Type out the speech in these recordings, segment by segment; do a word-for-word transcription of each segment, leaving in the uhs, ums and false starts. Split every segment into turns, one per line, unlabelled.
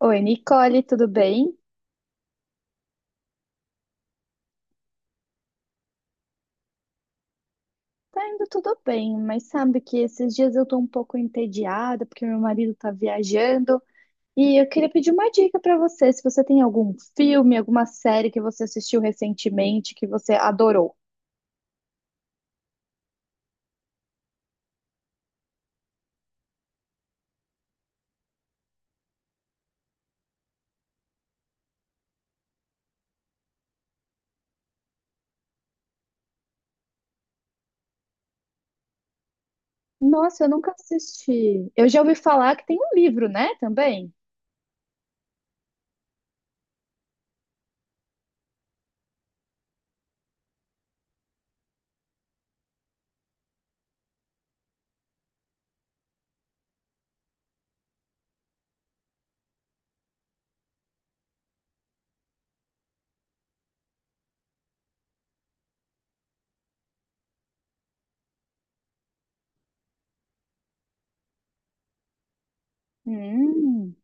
Oi, Nicole, tudo bem? Tá indo tudo bem, mas sabe que esses dias eu tô um pouco entediada porque meu marido tá viajando e eu queria pedir uma dica pra você, se você tem algum filme, alguma série que você assistiu recentemente que você adorou. Nossa, eu nunca assisti. Eu já ouvi falar que tem um livro, né, também? Hum,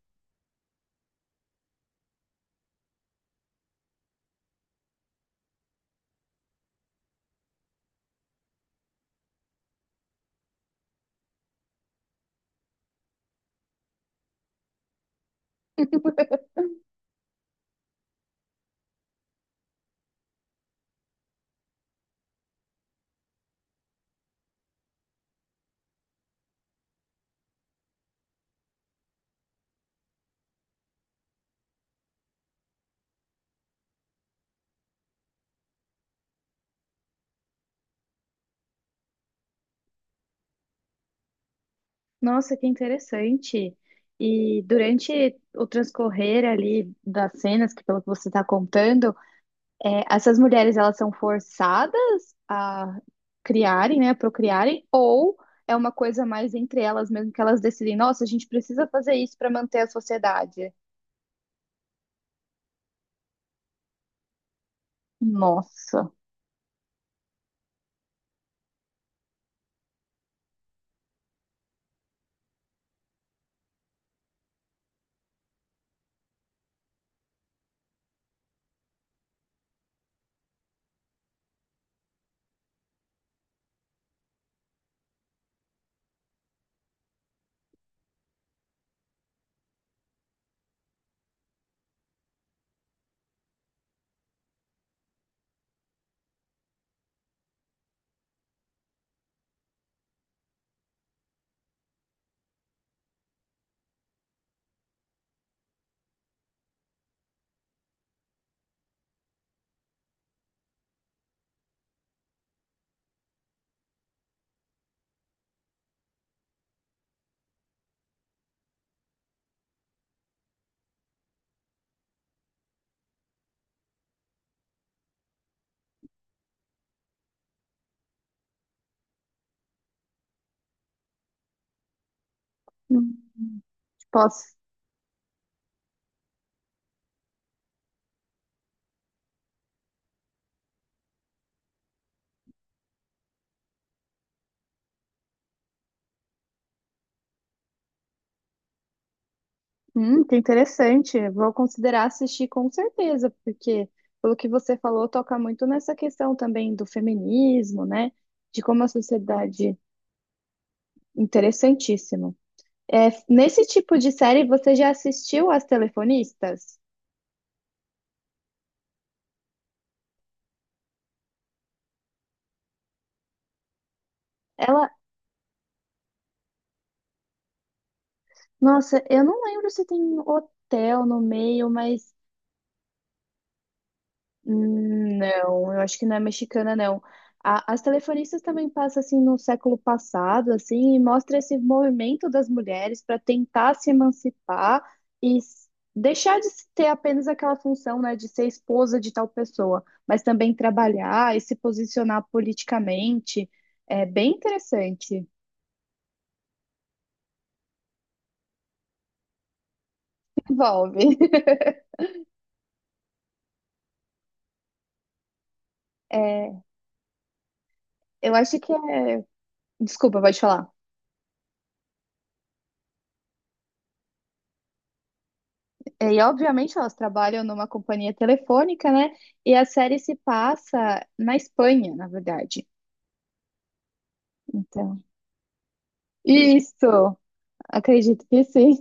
nossa, que interessante. E durante o transcorrer ali das cenas, que pelo que você está contando, é, essas mulheres, elas são forçadas a criarem, né, procriarem, ou é uma coisa mais entre elas mesmo que elas decidem, nossa, a gente precisa fazer isso para manter a sociedade. Nossa, hum, posso. Hum, que interessante. Vou considerar assistir com certeza, porque pelo que você falou, toca muito nessa questão também do feminismo, né? De como a sociedade. Interessantíssimo. É, nesse tipo de série, você já assistiu As Telefonistas? Ela Nossa, eu não lembro se tem hotel no meio, mas hum, não, eu acho que não é mexicana, não. A- as telefonistas também passam assim no século passado, assim, e mostra esse movimento das mulheres para tentar se emancipar e s- deixar de se ter apenas aquela função, né, de ser esposa de tal pessoa, mas também trabalhar e se posicionar politicamente. É bem interessante. Envolve. É, eu acho que é. Desculpa, pode falar. É, E obviamente elas trabalham numa companhia telefônica, né? E a série se passa na Espanha, na verdade. Então, isso, acredito que sim.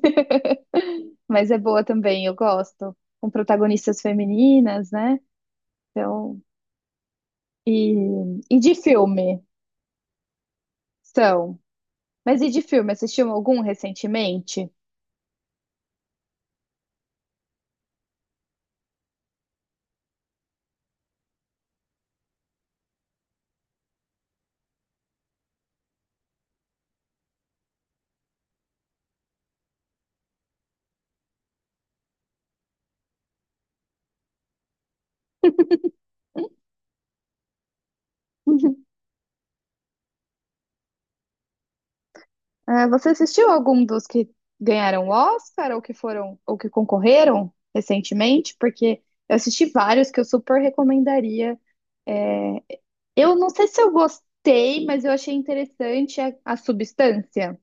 Mas é boa também, eu gosto. Com protagonistas femininas, né? Então, e, e de filme. São. Mas e de filme, assistiu algum recentemente? Ah, você assistiu algum dos que ganharam o Oscar ou que foram ou que concorreram recentemente? Porque eu assisti vários que eu super recomendaria. Eu não sei se eu gostei, mas eu achei interessante a, a substância.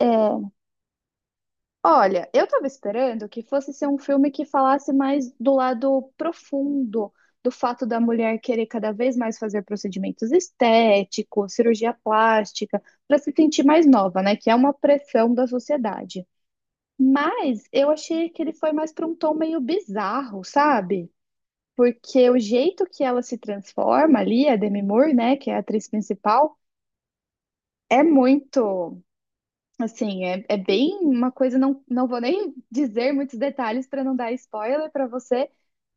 É, olha, eu estava esperando que fosse ser um filme que falasse mais do lado profundo do fato da mulher querer cada vez mais fazer procedimentos estéticos, cirurgia plástica, para se sentir mais nova, né? Que é uma pressão da sociedade. Mas eu achei que ele foi mais para um tom meio bizarro, sabe? Porque o jeito que ela se transforma ali, a Demi Moore, né, que é a atriz principal. É muito, assim, é, é bem uma coisa, não, não vou nem dizer muitos detalhes para não dar spoiler para você,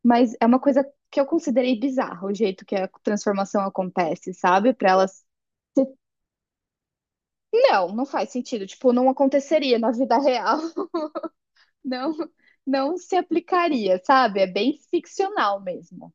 mas é uma coisa que eu considerei bizarra, o jeito que a transformação acontece, sabe? Para elas, não, não faz sentido, tipo, não aconteceria na vida real. Não, não se aplicaria, sabe? É bem ficcional mesmo.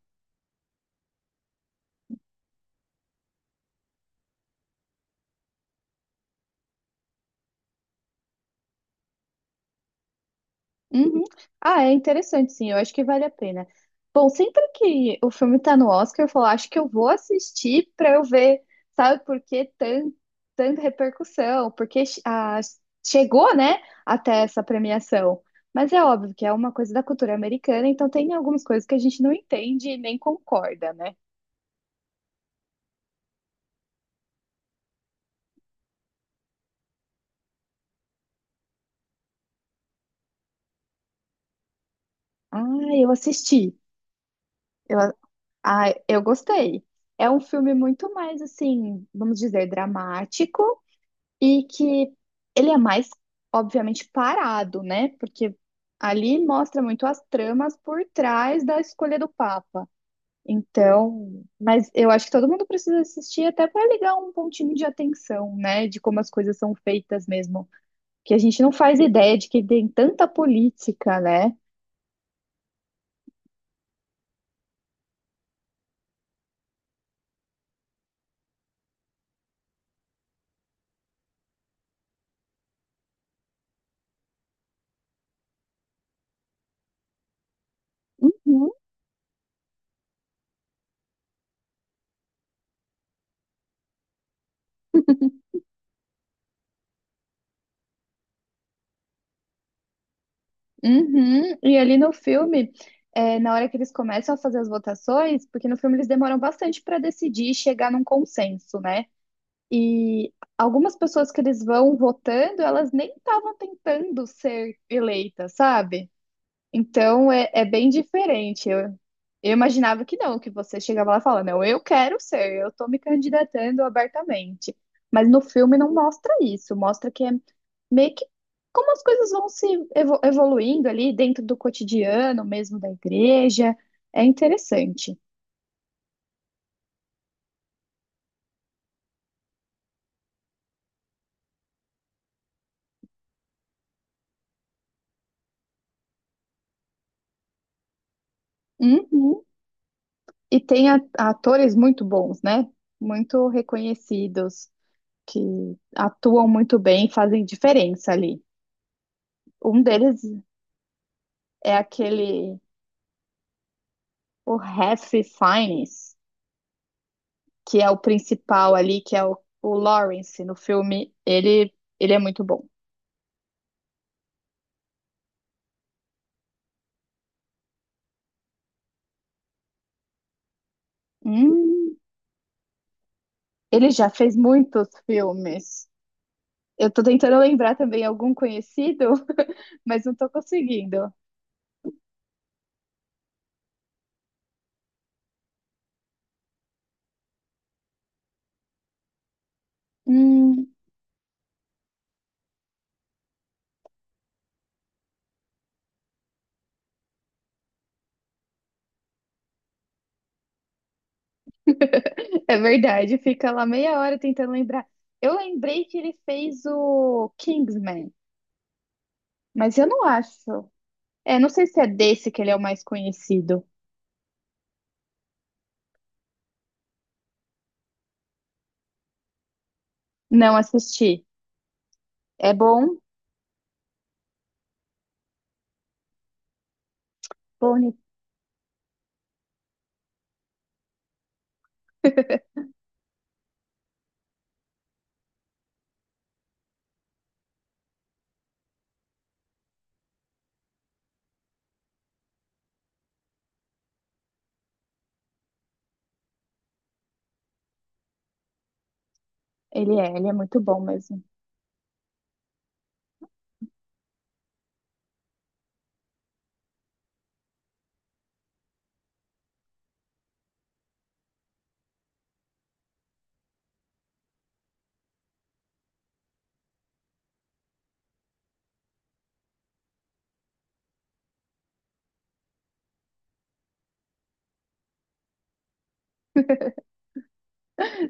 Uhum. Ah, é interessante, sim. Eu acho que vale a pena. Bom, sempre que o filme tá no Oscar, eu falo, "Ah, acho que eu vou assistir pra eu ver, sabe, por que tan- tanta repercussão, porque che- a- chegou, né, até essa premiação." Mas é óbvio que é uma coisa da cultura americana, então tem algumas coisas que a gente não entende e nem concorda, né? Ah, eu assisti. Eu, ah, eu gostei. É um filme muito mais, assim, vamos dizer, dramático. E que ele é mais, obviamente, parado, né? Porque ali mostra muito as tramas por trás da escolha do Papa. Então, mas eu acho que todo mundo precisa assistir até para ligar um pontinho de atenção, né? De como as coisas são feitas mesmo, que a gente não faz ideia de que tem tanta política, né? Uhum. Uhum. E ali no filme, é, na hora que eles começam a fazer as votações, porque no filme eles demoram bastante para decidir e chegar num consenso, né? E algumas pessoas que eles vão votando, elas nem estavam tentando ser eleitas, sabe? Então é, é bem diferente. Eu, eu imaginava que não, que você chegava lá e falava, não, eu quero ser, eu tô me candidatando abertamente. Mas no filme não mostra isso, mostra que é meio que como as coisas vão se evo- evoluindo ali dentro do cotidiano mesmo da igreja. É interessante. Uhum. E tem a- atores muito bons, né? Muito reconhecidos, que atuam muito bem, e fazem diferença ali. Um deles é aquele, o Ralph Fiennes, que é o principal ali, que é o, o Lawrence no filme. Ele, ele é muito bom. Hum, ele já fez muitos filmes. Eu tô tentando lembrar também algum conhecido, mas não tô conseguindo. Hum, É verdade, fica lá meia hora tentando lembrar. Eu lembrei que ele fez o Kingsman, mas eu não acho. É, não sei se é desse que ele é o mais conhecido. Não assisti. É bom? Bom, ele é, ele é muito bom mesmo.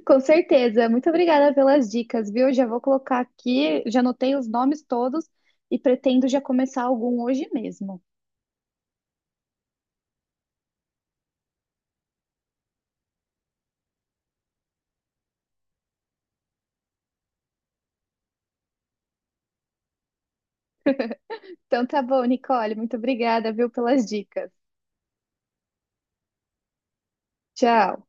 Com certeza. Muito obrigada pelas dicas, viu? Já vou colocar aqui, já anotei os nomes todos e pretendo já começar algum hoje mesmo. Então tá bom, Nicole, muito obrigada, viu, pelas dicas. Tchau.